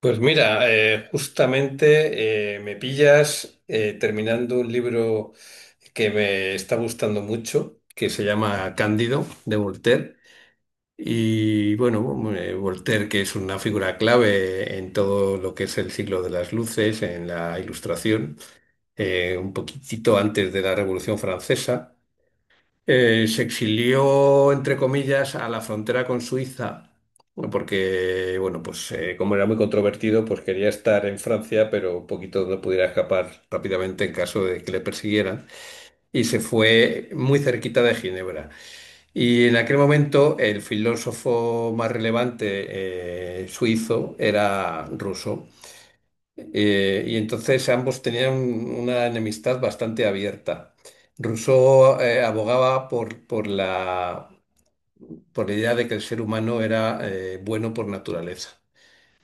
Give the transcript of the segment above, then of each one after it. Pues mira, justamente me pillas terminando un libro que me está gustando mucho, que se llama Cándido, de Voltaire. Y bueno, Voltaire, que es una figura clave en todo lo que es el siglo de las luces, en la ilustración, un poquitito antes de la Revolución Francesa. Se exilió, entre comillas, a la frontera con Suiza, porque, bueno, pues como era muy controvertido, pues quería estar en Francia, pero un poquito donde pudiera escapar rápidamente en caso de que le persiguieran. Y se fue muy cerquita de Ginebra. Y en aquel momento el filósofo más relevante suizo era ruso. Y entonces ambos tenían una enemistad bastante abierta. Rousseau abogaba por la idea de que el ser humano era bueno por naturaleza.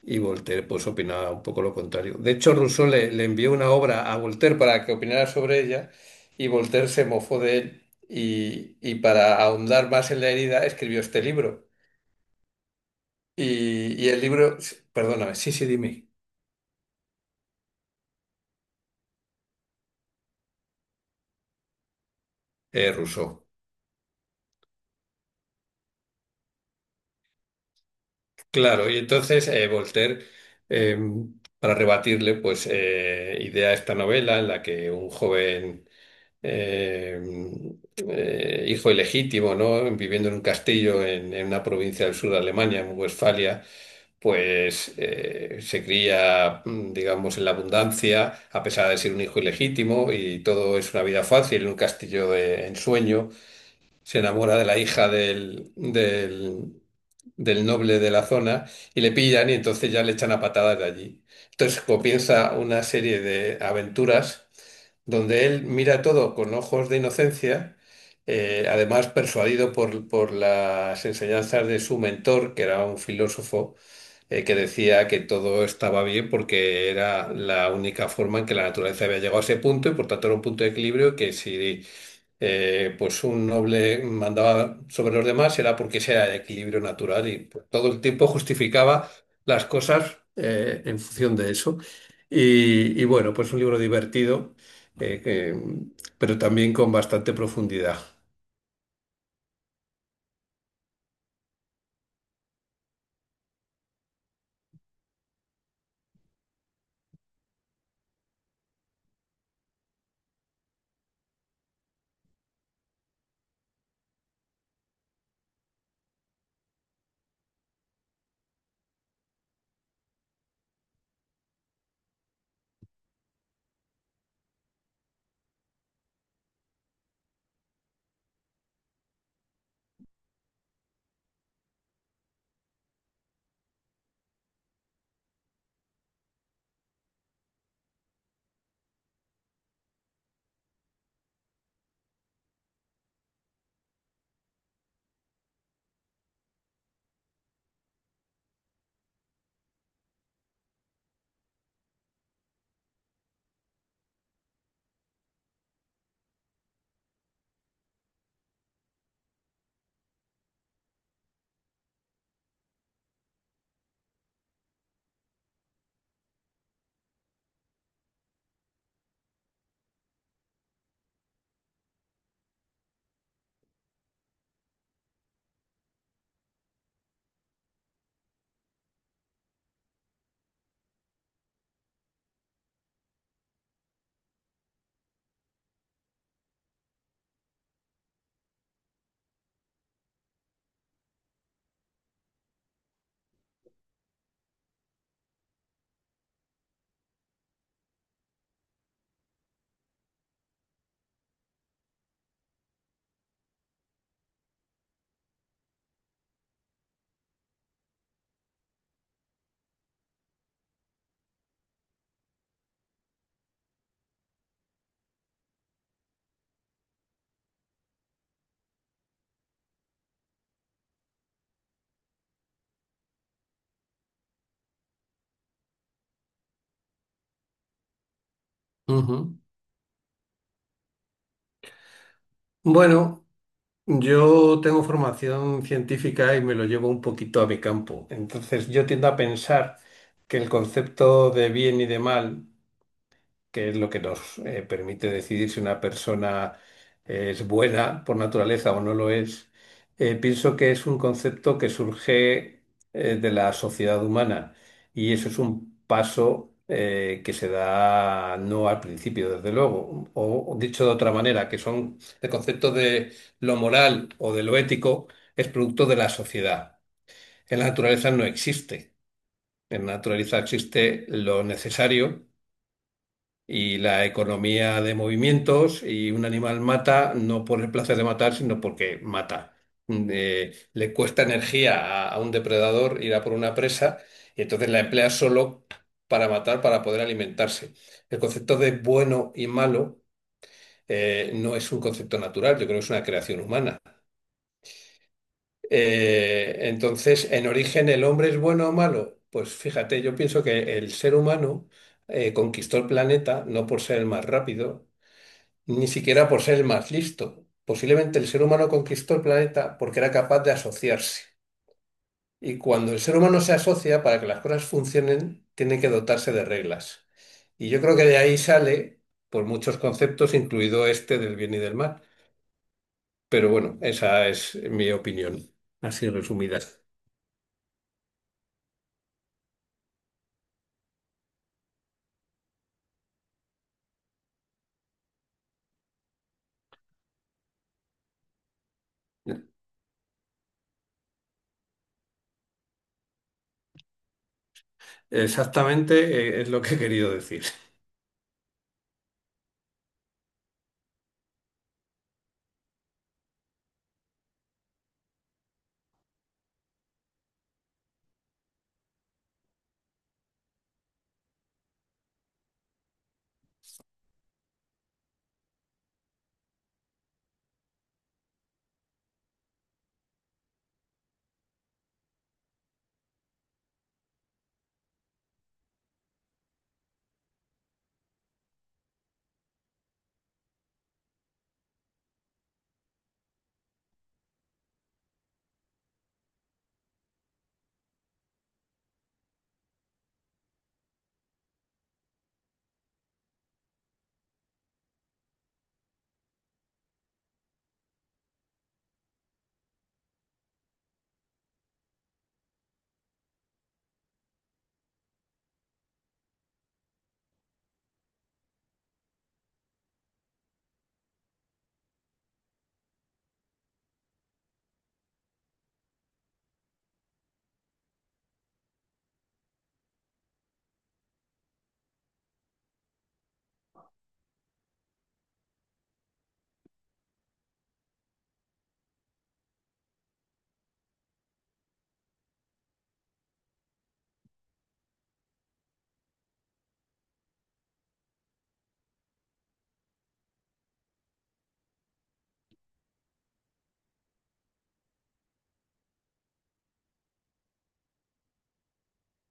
Y Voltaire pues opinaba un poco lo contrario. De hecho, Rousseau le envió una obra a Voltaire para que opinara sobre ella y Voltaire se mofó de él y para ahondar más en la herida escribió este libro. Y el libro, perdóname, sí, sí, dime, Rousseau. Claro, y entonces Voltaire, eh, para rebatirle, pues idea esta novela en la que un joven eh, hijo ilegítimo, ¿no? Viviendo en un castillo en una provincia del sur de Alemania, en Westfalia, pues se cría, digamos, en la abundancia, a pesar de ser un hijo ilegítimo, y todo es una vida fácil, en un castillo de ensueño se enamora de la hija del noble de la zona y le pillan y entonces ya le echan a patadas de allí. Entonces comienza una serie de aventuras donde él mira todo con ojos de inocencia, además persuadido por las enseñanzas de su mentor, que era un filósofo. Que decía que todo estaba bien porque era la única forma en que la naturaleza había llegado a ese punto y por tanto era un punto de equilibrio que si pues un noble mandaba sobre los demás era porque ese era el equilibrio natural y pues, todo el tiempo justificaba las cosas en función de eso. Y bueno, pues un libro divertido, eh, que- pero también con bastante profundidad. Ujú. Bueno, yo tengo formación científica y me lo llevo un poquito a mi campo. Entonces yo tiendo a pensar que el concepto de bien y de mal, que es lo que nos permite decidir si una persona es buena por naturaleza o no lo es, pienso que es un concepto que surge de la sociedad humana y eso es un paso que se da no al principio, desde luego, o dicho de otra manera, que son el concepto de lo moral o de lo ético es producto de la sociedad. En la naturaleza no existe. En la naturaleza existe lo necesario y la economía de movimientos y un animal mata no por el placer de matar, sino porque mata. Le cuesta energía a un depredador ir a por una presa y entonces la emplea solo para matar, para poder alimentarse. El concepto de bueno y malo no es un concepto natural, yo creo que es una creación humana. Entonces, en origen, ¿el hombre es bueno o malo? Pues fíjate, yo pienso que el ser humano conquistó el planeta no por ser el más rápido, ni siquiera por ser el más listo. Posiblemente el ser humano conquistó el planeta porque era capaz de asociarse. Y cuando el ser humano se asocia, para que las cosas funcionen, tiene que dotarse de reglas. Y yo creo que de ahí sale, por muchos conceptos, incluido este del bien y del mal. Pero bueno, esa es mi opinión, así resumida. Exactamente, es lo que he querido decir.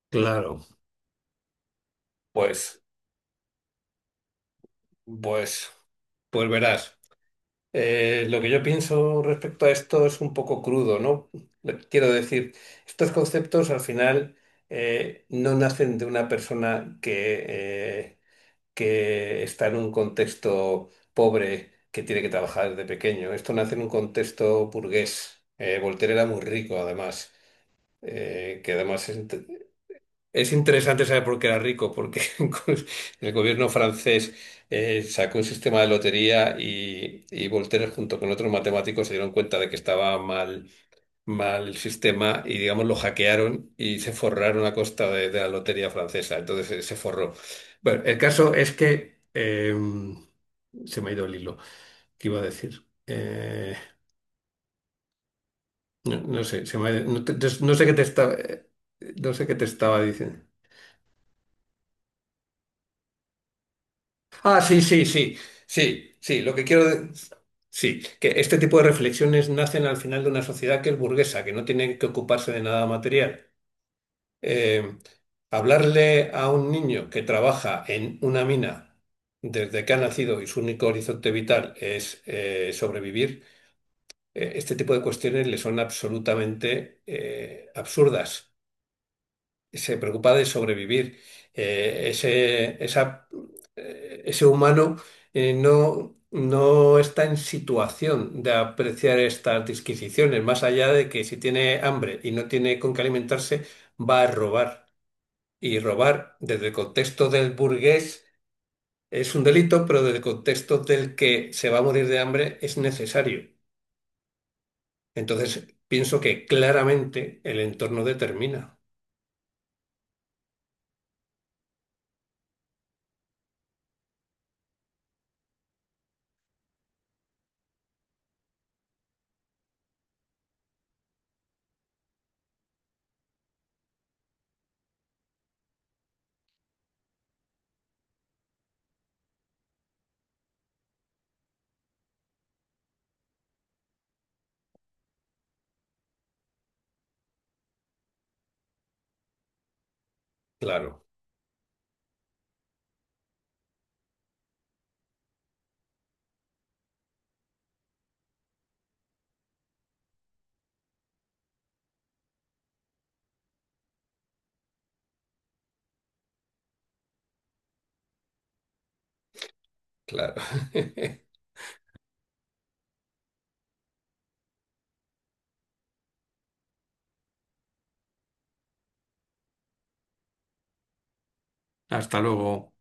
Claro, pues, pues, pues verás. Lo que yo pienso respecto a esto es un poco crudo, ¿no? Quiero decir, estos conceptos al final no nacen de una persona que que está en un contexto pobre que tiene que trabajar desde pequeño. Esto nace en un contexto burgués. Voltaire era muy rico, además, eh, que además es- es interesante saber por qué era rico, porque el gobierno francés sacó un sistema de lotería y Voltaire junto con otros matemáticos se dieron cuenta de que estaba mal, mal el sistema y digamos lo hackearon y se forraron a costa de la lotería francesa. Entonces se forró. Bueno, el caso es que se me ha ido el hilo. ¿Qué iba a decir? No sé, se me ha ido- no, te- no sé qué te estaba, no sé qué te estaba diciendo. Ah, sí, sí, sí, sí, sí, lo que quiero... de- Sí, que este tipo de reflexiones nacen al final de una sociedad que es burguesa, que no tiene que ocuparse de nada material. Eh, hablarle a un niño que trabaja en una mina desde que ha nacido y su único horizonte vital es sobrevivir, este tipo de cuestiones le son absolutamente absurdas, se preocupa de sobrevivir. Eh, ese, esa- ese humano no está en situación de apreciar estas disquisiciones, más allá de que si tiene hambre y no tiene con qué alimentarse, va a robar. Y robar desde el contexto del burgués es un delito, pero desde el contexto del que se va a morir de hambre es necesario. Entonces, pienso que claramente el entorno determina. Claro, claro.